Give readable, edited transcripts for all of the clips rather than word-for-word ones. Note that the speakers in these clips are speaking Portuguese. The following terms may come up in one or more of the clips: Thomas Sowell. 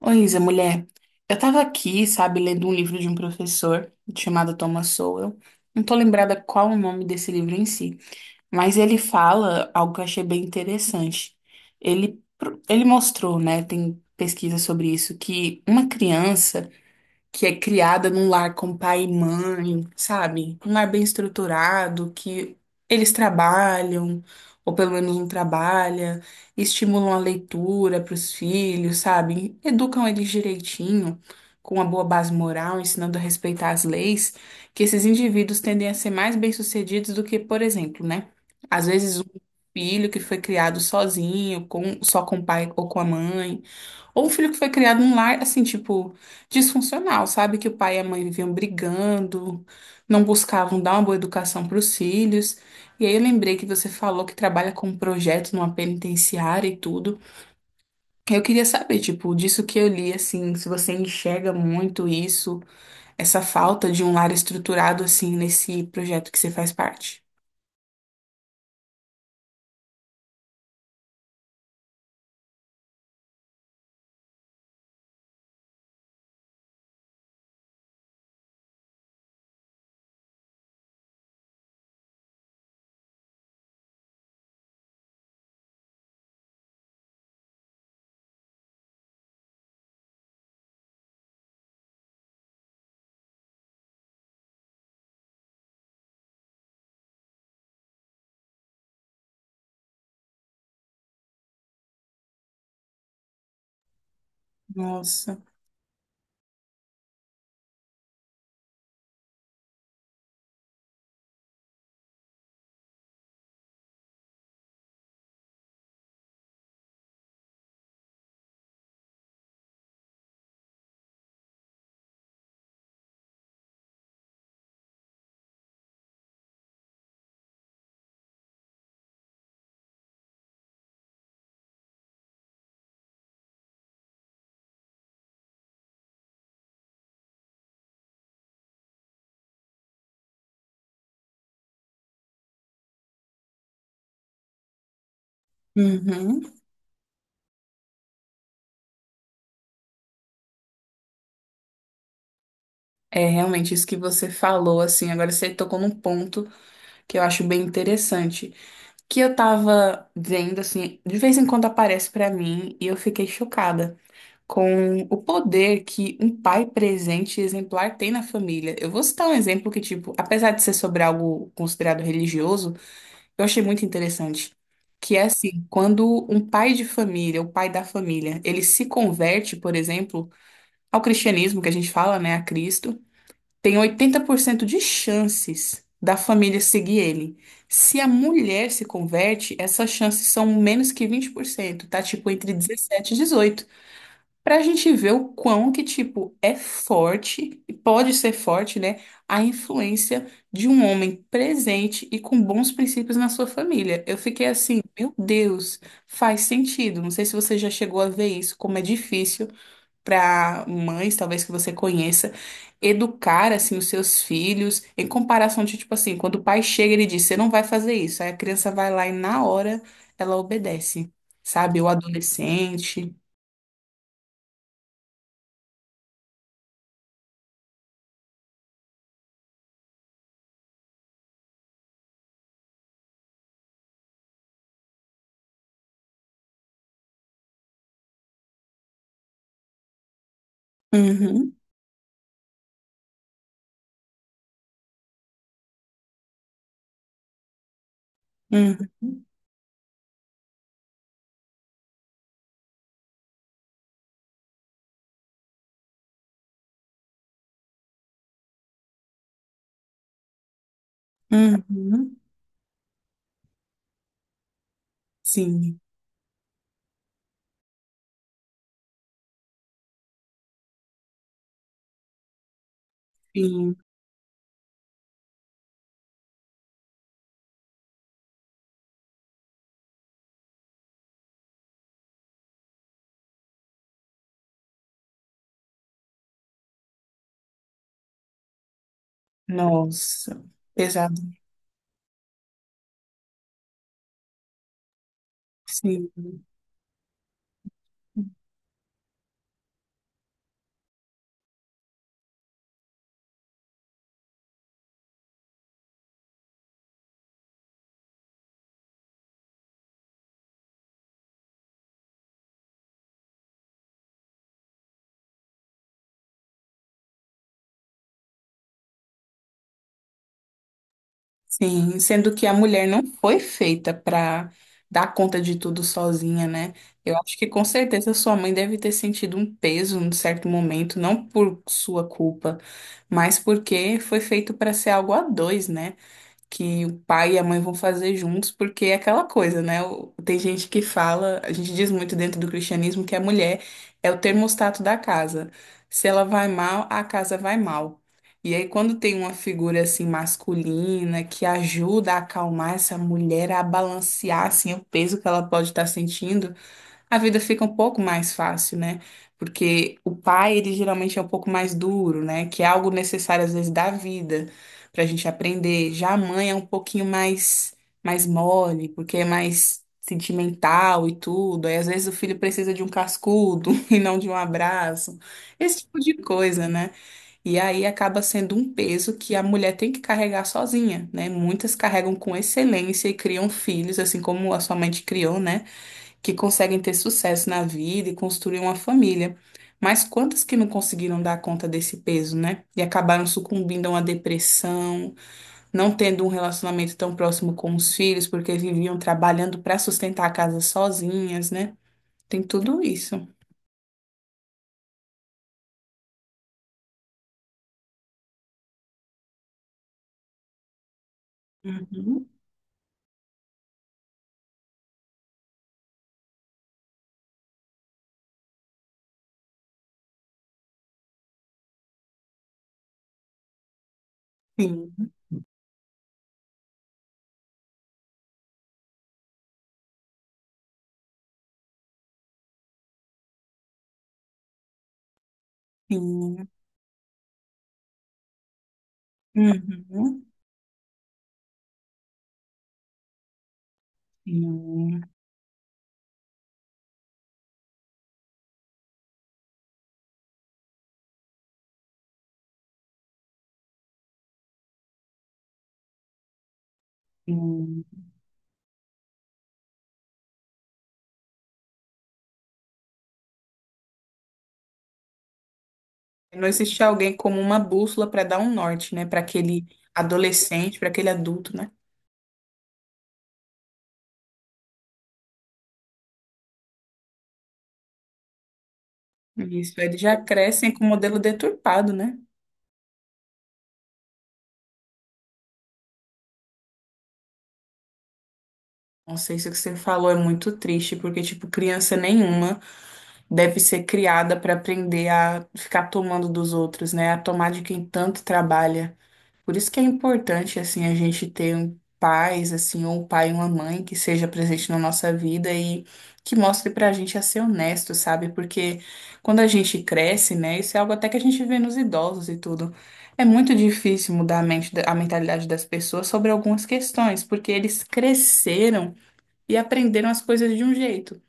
Oi, Isa, mulher. Eu tava aqui, sabe, lendo um livro de um professor chamado Thomas Sowell. Não tô lembrada qual o nome desse livro em si, mas ele fala algo que eu achei bem interessante. Ele mostrou, né, tem pesquisa sobre isso, que uma criança que é criada num lar com pai e mãe, sabe? Um lar bem estruturado, que eles trabalham, ou pelo menos um trabalha, estimulam a leitura para os filhos, sabe? Educam eles direitinho, com uma boa base moral, ensinando a respeitar as leis, que esses indivíduos tendem a ser mais bem-sucedidos do que, por exemplo, né? Às vezes um filho que foi criado sozinho, só com o pai ou com a mãe. Ou um filho que foi criado num lar, assim, tipo, disfuncional, sabe? Que o pai e a mãe viviam brigando, não buscavam dar uma boa educação para os filhos. E aí eu lembrei que você falou que trabalha com um projeto numa penitenciária e tudo. Eu queria saber, tipo, disso que eu li, assim, se você enxerga muito isso, essa falta de um lar estruturado, assim, nesse projeto que você faz parte. Nossa. Uhum. É realmente isso que você falou, assim, agora você tocou num ponto que eu acho bem interessante. Que eu tava vendo, assim, de vez em quando aparece pra mim e eu fiquei chocada com o poder que um pai presente e exemplar tem na família. Eu vou citar um exemplo que, tipo, apesar de ser sobre algo considerado religioso, eu achei muito interessante. Que é assim, quando um pai de família, o pai da família, ele se converte, por exemplo, ao cristianismo que a gente fala, né, a Cristo, tem 80% de chances da família seguir ele. Se a mulher se converte, essas chances são menos que 20%, tá? Tipo, entre 17 e 18. Pra gente ver o quão que, tipo, é forte, e pode ser forte, né? A influência de um homem presente e com bons princípios na sua família. Eu fiquei assim, meu Deus, faz sentido. Não sei se você já chegou a ver isso, como é difícil para mães, talvez que você conheça, educar assim os seus filhos em comparação de tipo assim, quando o pai chega e ele diz, você não vai fazer isso. Aí a criança vai lá e na hora ela obedece, sabe? O adolescente. Uhum, uhum, uhum. Sim, sim. Nossa, pesado. Sim. Sim, sendo que a mulher não foi feita para dar conta de tudo sozinha, né? Eu acho que com certeza sua mãe deve ter sentido um peso num certo momento, não por sua culpa, mas porque foi feito para ser algo a dois, né? Que o pai e a mãe vão fazer juntos, porque é aquela coisa, né? O- Tem gente que fala, a gente diz muito dentro do cristianismo que a mulher é o termostato da casa. Se ela vai mal, a casa vai mal. E aí, quando tem uma figura assim masculina que ajuda a acalmar essa mulher, a balancear assim o peso que ela pode estar sentindo, a vida fica um pouco mais fácil, né? Porque o pai, ele geralmente é um pouco mais duro, né? Que é algo necessário, às vezes, da vida, pra gente aprender. Já a mãe é um pouquinho mais mole, porque é mais sentimental e tudo. Aí, às vezes, o filho precisa de um cascudo e não de um abraço. Esse tipo de coisa, né? E aí acaba sendo um peso que a mulher tem que carregar sozinha, né? Muitas carregam com excelência e criam filhos, assim como a sua mãe te criou, né? Que conseguem ter sucesso na vida e construir uma família. Mas quantas que não conseguiram dar conta desse peso, né? E acabaram sucumbindo a uma depressão, não tendo um relacionamento tão próximo com os filhos, porque viviam trabalhando para sustentar a casa sozinhas, né? Tem tudo isso. Uhum. Sim, sim. Uhum. Sim, sim. Não existe alguém como uma bússola para dar um norte, né? Para aquele adolescente, para aquele adulto, né? Isso, eles já crescem com o modelo deturpado, né? Não sei se o que você falou é muito triste, porque, tipo, criança nenhuma deve ser criada para aprender a ficar tomando dos outros, né? A tomar de quem tanto trabalha. Por isso que é importante, assim, a gente ter um pais, assim, ou um pai e uma mãe que seja presente na nossa vida e que mostre pra gente a ser honesto, sabe? Porque quando a gente cresce, né, isso é algo até que a gente vê nos idosos e tudo. É muito difícil mudar a mente, a mentalidade das pessoas sobre algumas questões, porque eles cresceram e aprenderam as coisas de um jeito.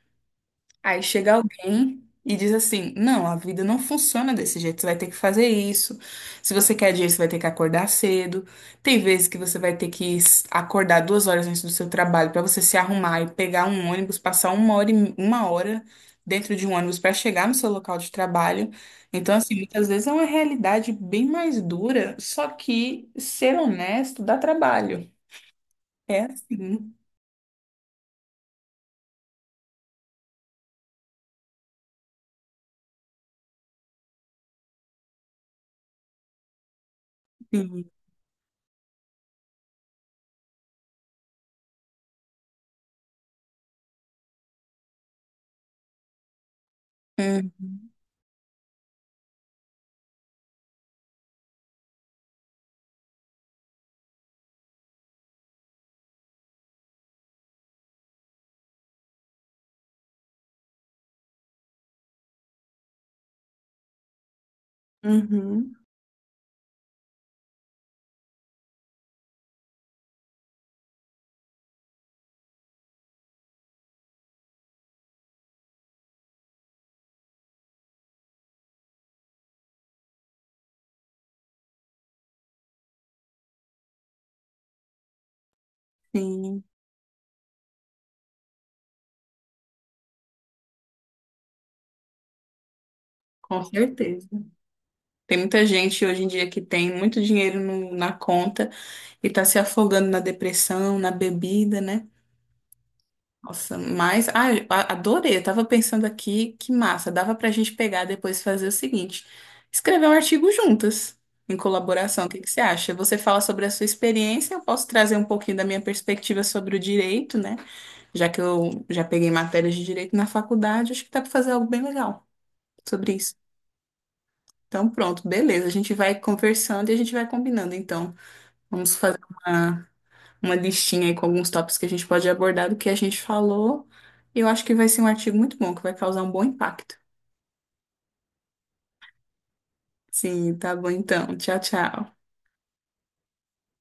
Aí chega alguém e diz assim: não, a vida não funciona desse jeito, você vai ter que fazer isso. Se você quer dinheiro, você vai ter que acordar cedo. Tem vezes que você vai ter que acordar 2 horas antes do seu trabalho para você se arrumar e pegar um ônibus, passar uma hora, uma hora dentro de um ônibus para chegar no seu local de trabalho. Então, assim, muitas vezes é uma realidade bem mais dura, só que ser honesto dá trabalho. É assim. Sim. Uhum. Uhum. Sim, com certeza. Tem muita gente hoje em dia que tem muito dinheiro na conta e tá se afogando na depressão, na bebida, né? Nossa, mas ah, eu adorei. Eu tava pensando aqui, que massa, dava pra gente pegar depois e fazer o seguinte: escrever um artigo juntas, em colaboração. O que que você acha? Você fala sobre a sua experiência, eu posso trazer um pouquinho da minha perspectiva sobre o direito, né? Já que eu já peguei matérias de direito na faculdade, acho que dá pra fazer algo bem legal sobre isso. Então, pronto, beleza. A gente vai conversando e a gente vai combinando. Então, vamos fazer uma, uma listinha aí com alguns tópicos que a gente pode abordar do que a gente falou. Eu acho que vai ser um artigo muito bom, que vai causar um bom impacto. Sim, tá bom então. Tchau, tchau.